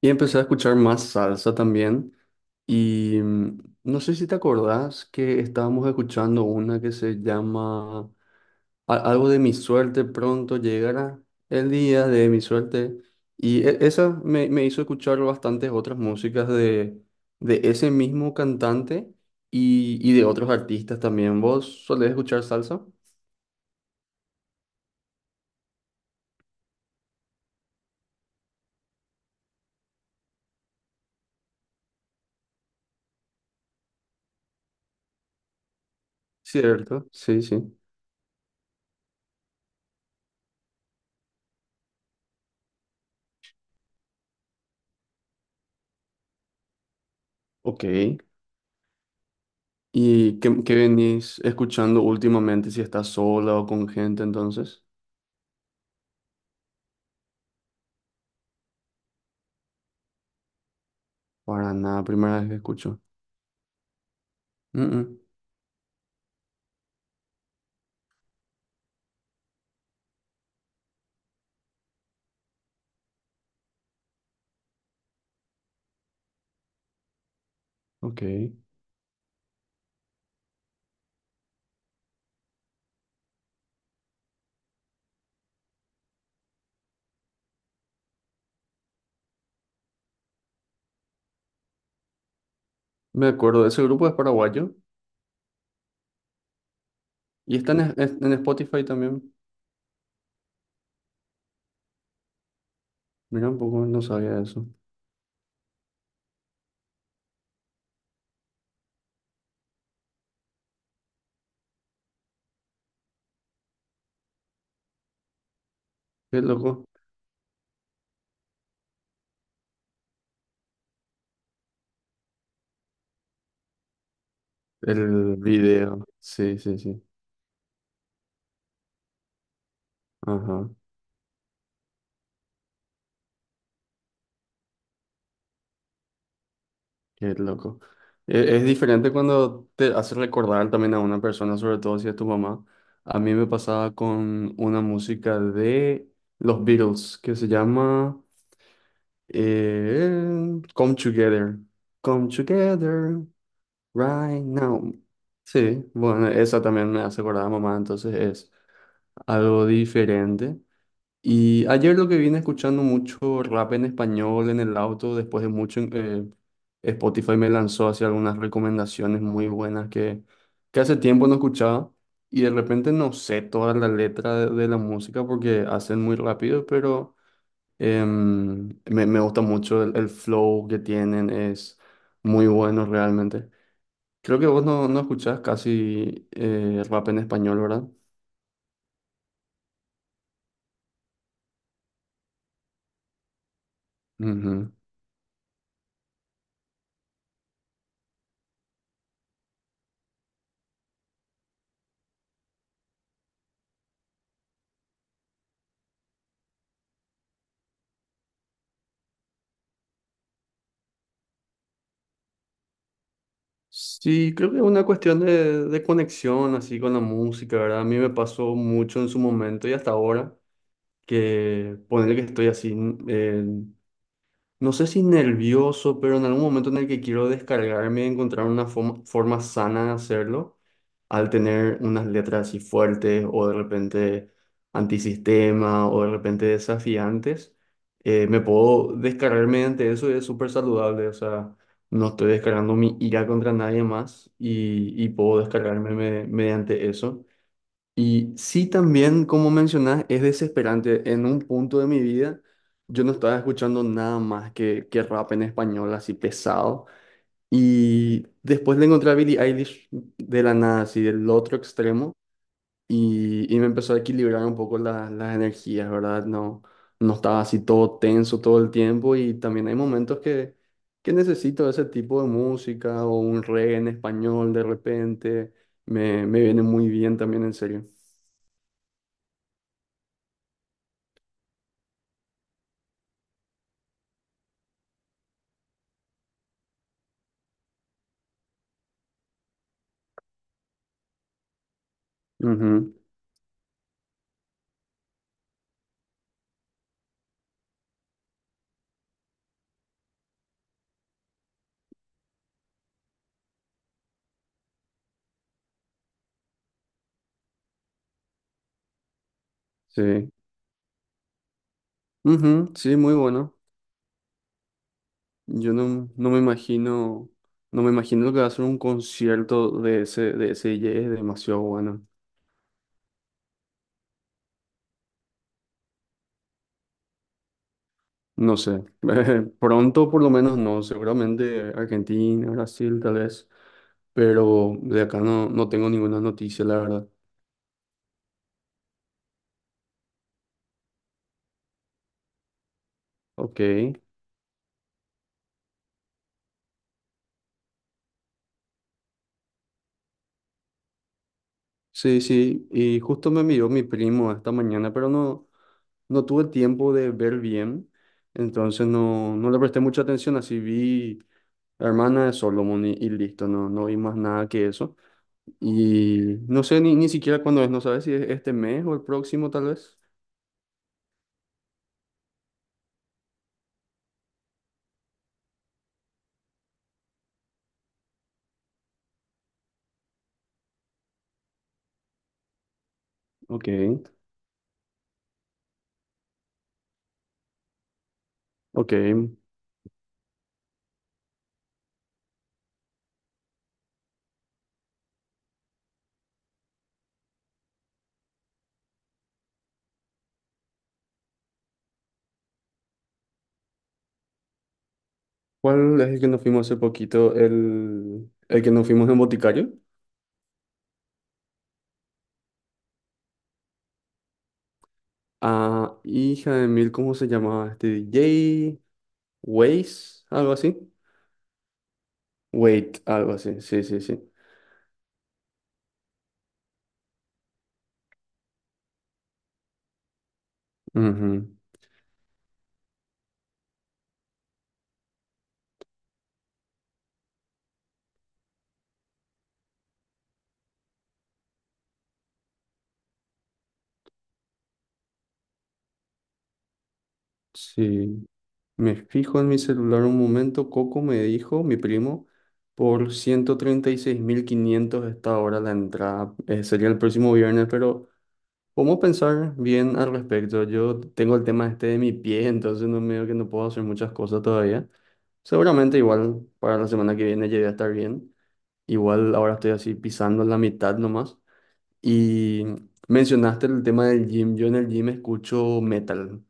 Y empecé a escuchar más salsa también. Y no sé si te acordás que estábamos escuchando una que se llama algo de mi suerte, pronto llegará el día de mi suerte. Y esa me hizo escuchar bastantes otras músicas de ese mismo cantante y de otros artistas también. ¿Vos solés escuchar salsa? Cierto, sí, sí. Ok. ¿Y qué venís escuchando últimamente? Si estás sola o con gente, entonces. Para nada, primera vez que escucho. Mm, mm, ok. Me acuerdo, ese grupo es paraguayo y está en Spotify también. Mira un poco, no sabía eso. Qué loco. El video. Sí, sí, sí. Ajá, qué loco. Es, diferente cuando te hace recordar también a una persona, sobre todo si es tu mamá. A mí me pasaba con una música de los Beatles que se llama Come Together. Come Together. Right now. Sí, bueno, esa también me hace acordar a mamá, entonces es algo diferente. Y ayer lo que vine escuchando mucho rap en español en el auto, después de mucho, Spotify me lanzó hacia algunas recomendaciones muy buenas que hace tiempo no escuchaba y de repente no sé toda la letra de la música porque hacen muy rápido, pero me gusta mucho el flow que tienen, es muy bueno realmente. Creo que vos no escuchás casi rap en español, ¿verdad? Ujú. Sí, creo que es una cuestión de conexión así con la música, ¿verdad? A mí me pasó mucho en su momento y hasta ahora que ponerle que estoy así, eh, no sé si nervioso, pero en algún momento en el que quiero descargarme y encontrar una forma sana de hacerlo, al tener unas letras así fuertes o de repente antisistema o de repente desafiantes, me puedo descargar mediante eso y es súper saludable. O sea, no estoy descargando mi ira contra nadie más y puedo descargarme mediante eso. Y sí, también, como mencionás, es desesperante. En un punto de mi vida, yo no estaba escuchando nada más que rap en español así pesado. Y después le encontré a Billie Eilish de la nada, así del otro extremo, y me empezó a equilibrar un poco las energías, ¿verdad? No, no estaba así todo tenso todo el tiempo y también hay momentos que necesito ese tipo de música o un reggae en español de repente, me viene muy bien también, en serio. Ujú, sí, Ujú, sí, muy bueno. Yo no me imagino, no me imagino lo que va a ser un concierto de ese DJ, es demasiado bueno. No sé, pronto por lo menos no, seguramente Argentina, Brasil tal vez, pero de acá no, no tengo ninguna noticia, la verdad. Ok, sí, sí, y justo me envió mi primo esta mañana, pero no, no tuve tiempo de ver bien, entonces no, no le presté mucha atención, así vi la hermana de Solomon y listo, no, no vi más nada que eso. Y no sé ni siquiera cuándo es, no sabes si es este mes o el próximo tal vez. Ok, ok. ¿Cuál es el que nos fuimos hace poquito? El que nos fuimos en Boticario. Ah, hija de mil, ¿cómo se llamaba? Este DJ, Waze, algo así. Wait, algo así, sí, sí, sí. Ujú, sí, me fijo en mi celular un momento. Coco me dijo, mi primo, por 136.500 está ahora la entrada. Sería el próximo viernes, pero ¿cómo pensar bien al respecto? Yo tengo el tema este de mi pie, entonces no medio que no puedo hacer muchas cosas todavía. Seguramente igual para la semana que viene llegué a estar bien. Igual ahora estoy así pisando la mitad nomás. Y mencionaste el tema del gym. Yo en el gym escucho metal.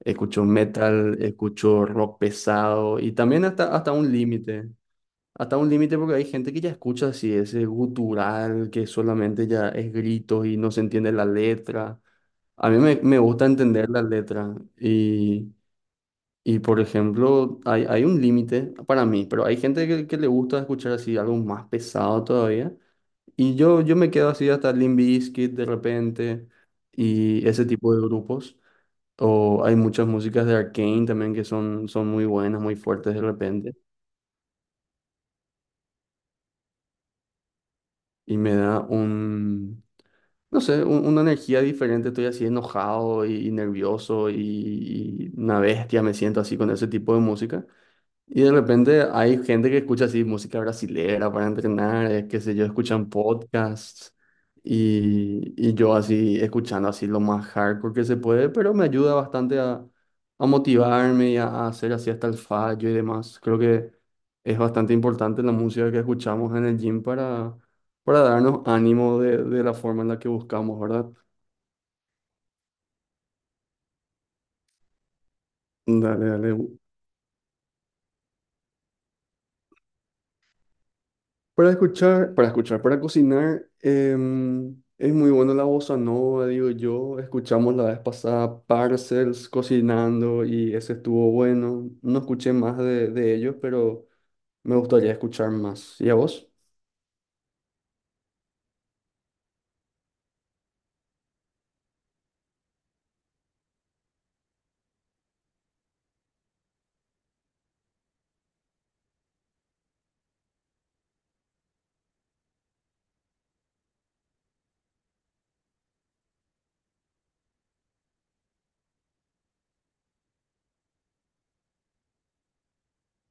Escucho metal, escucho rock pesado y también hasta un límite. Hasta un límite porque hay gente que ya escucha así ese gutural que solamente ya es gritos y no se entiende la letra. A mí me gusta entender la letra y, por ejemplo, hay un límite para mí, pero hay gente que le gusta escuchar así algo más pesado todavía. Y yo me quedo así hasta Limp Bizkit de repente y ese tipo de grupos. O hay muchas músicas de Arcane también que son muy buenas, muy fuertes de repente. Y me da un, no sé, un- una energía diferente. Estoy así enojado y nervioso y una bestia me siento así con ese tipo de música. Y de repente hay gente que escucha así música brasilera para entrenar, qué sé yo, escuchan podcasts y yo así escuchando así lo más hardcore que se puede, pero me ayuda bastante a motivarme y a hacer así hasta el fallo y demás. Creo que es bastante importante la música que escuchamos en el gym para darnos ánimo de la forma en la que buscamos, ¿verdad? Dale, dale. Para escuchar, para escuchar, para cocinar, es muy bueno la bossa nova, digo yo. Escuchamos la vez pasada Parcels cocinando y ese estuvo bueno. No escuché más de ellos, pero me gustaría escuchar más. ¿Y a vos?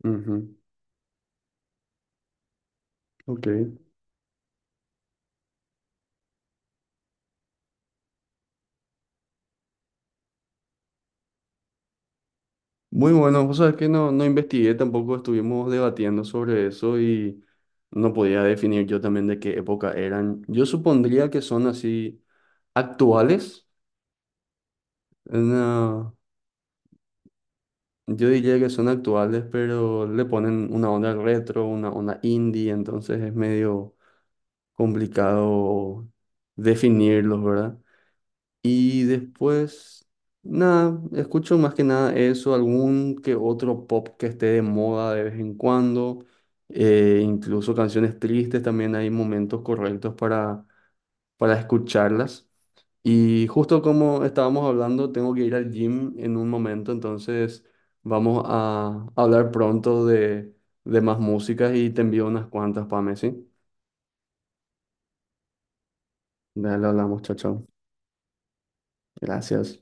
Ujú, ok. Muy bueno, vos sabés que no, no investigué, tampoco estuvimos debatiendo sobre eso y no podía definir yo también de qué época eran. Yo supondría que son así actuales. No. Yo diría que son actuales, pero le ponen una onda retro, una onda indie, entonces es medio complicado definirlos, ¿verdad? Y después, nada, escucho más que nada eso, algún que otro pop que esté de moda de vez en cuando, incluso canciones tristes, también hay momentos correctos para escucharlas. Y justo como estábamos hablando, tengo que ir al gym en un momento, entonces vamos a hablar pronto de más músicas y te envío unas cuantas para Messi. Dale, hablamos, chao, chao. Gracias.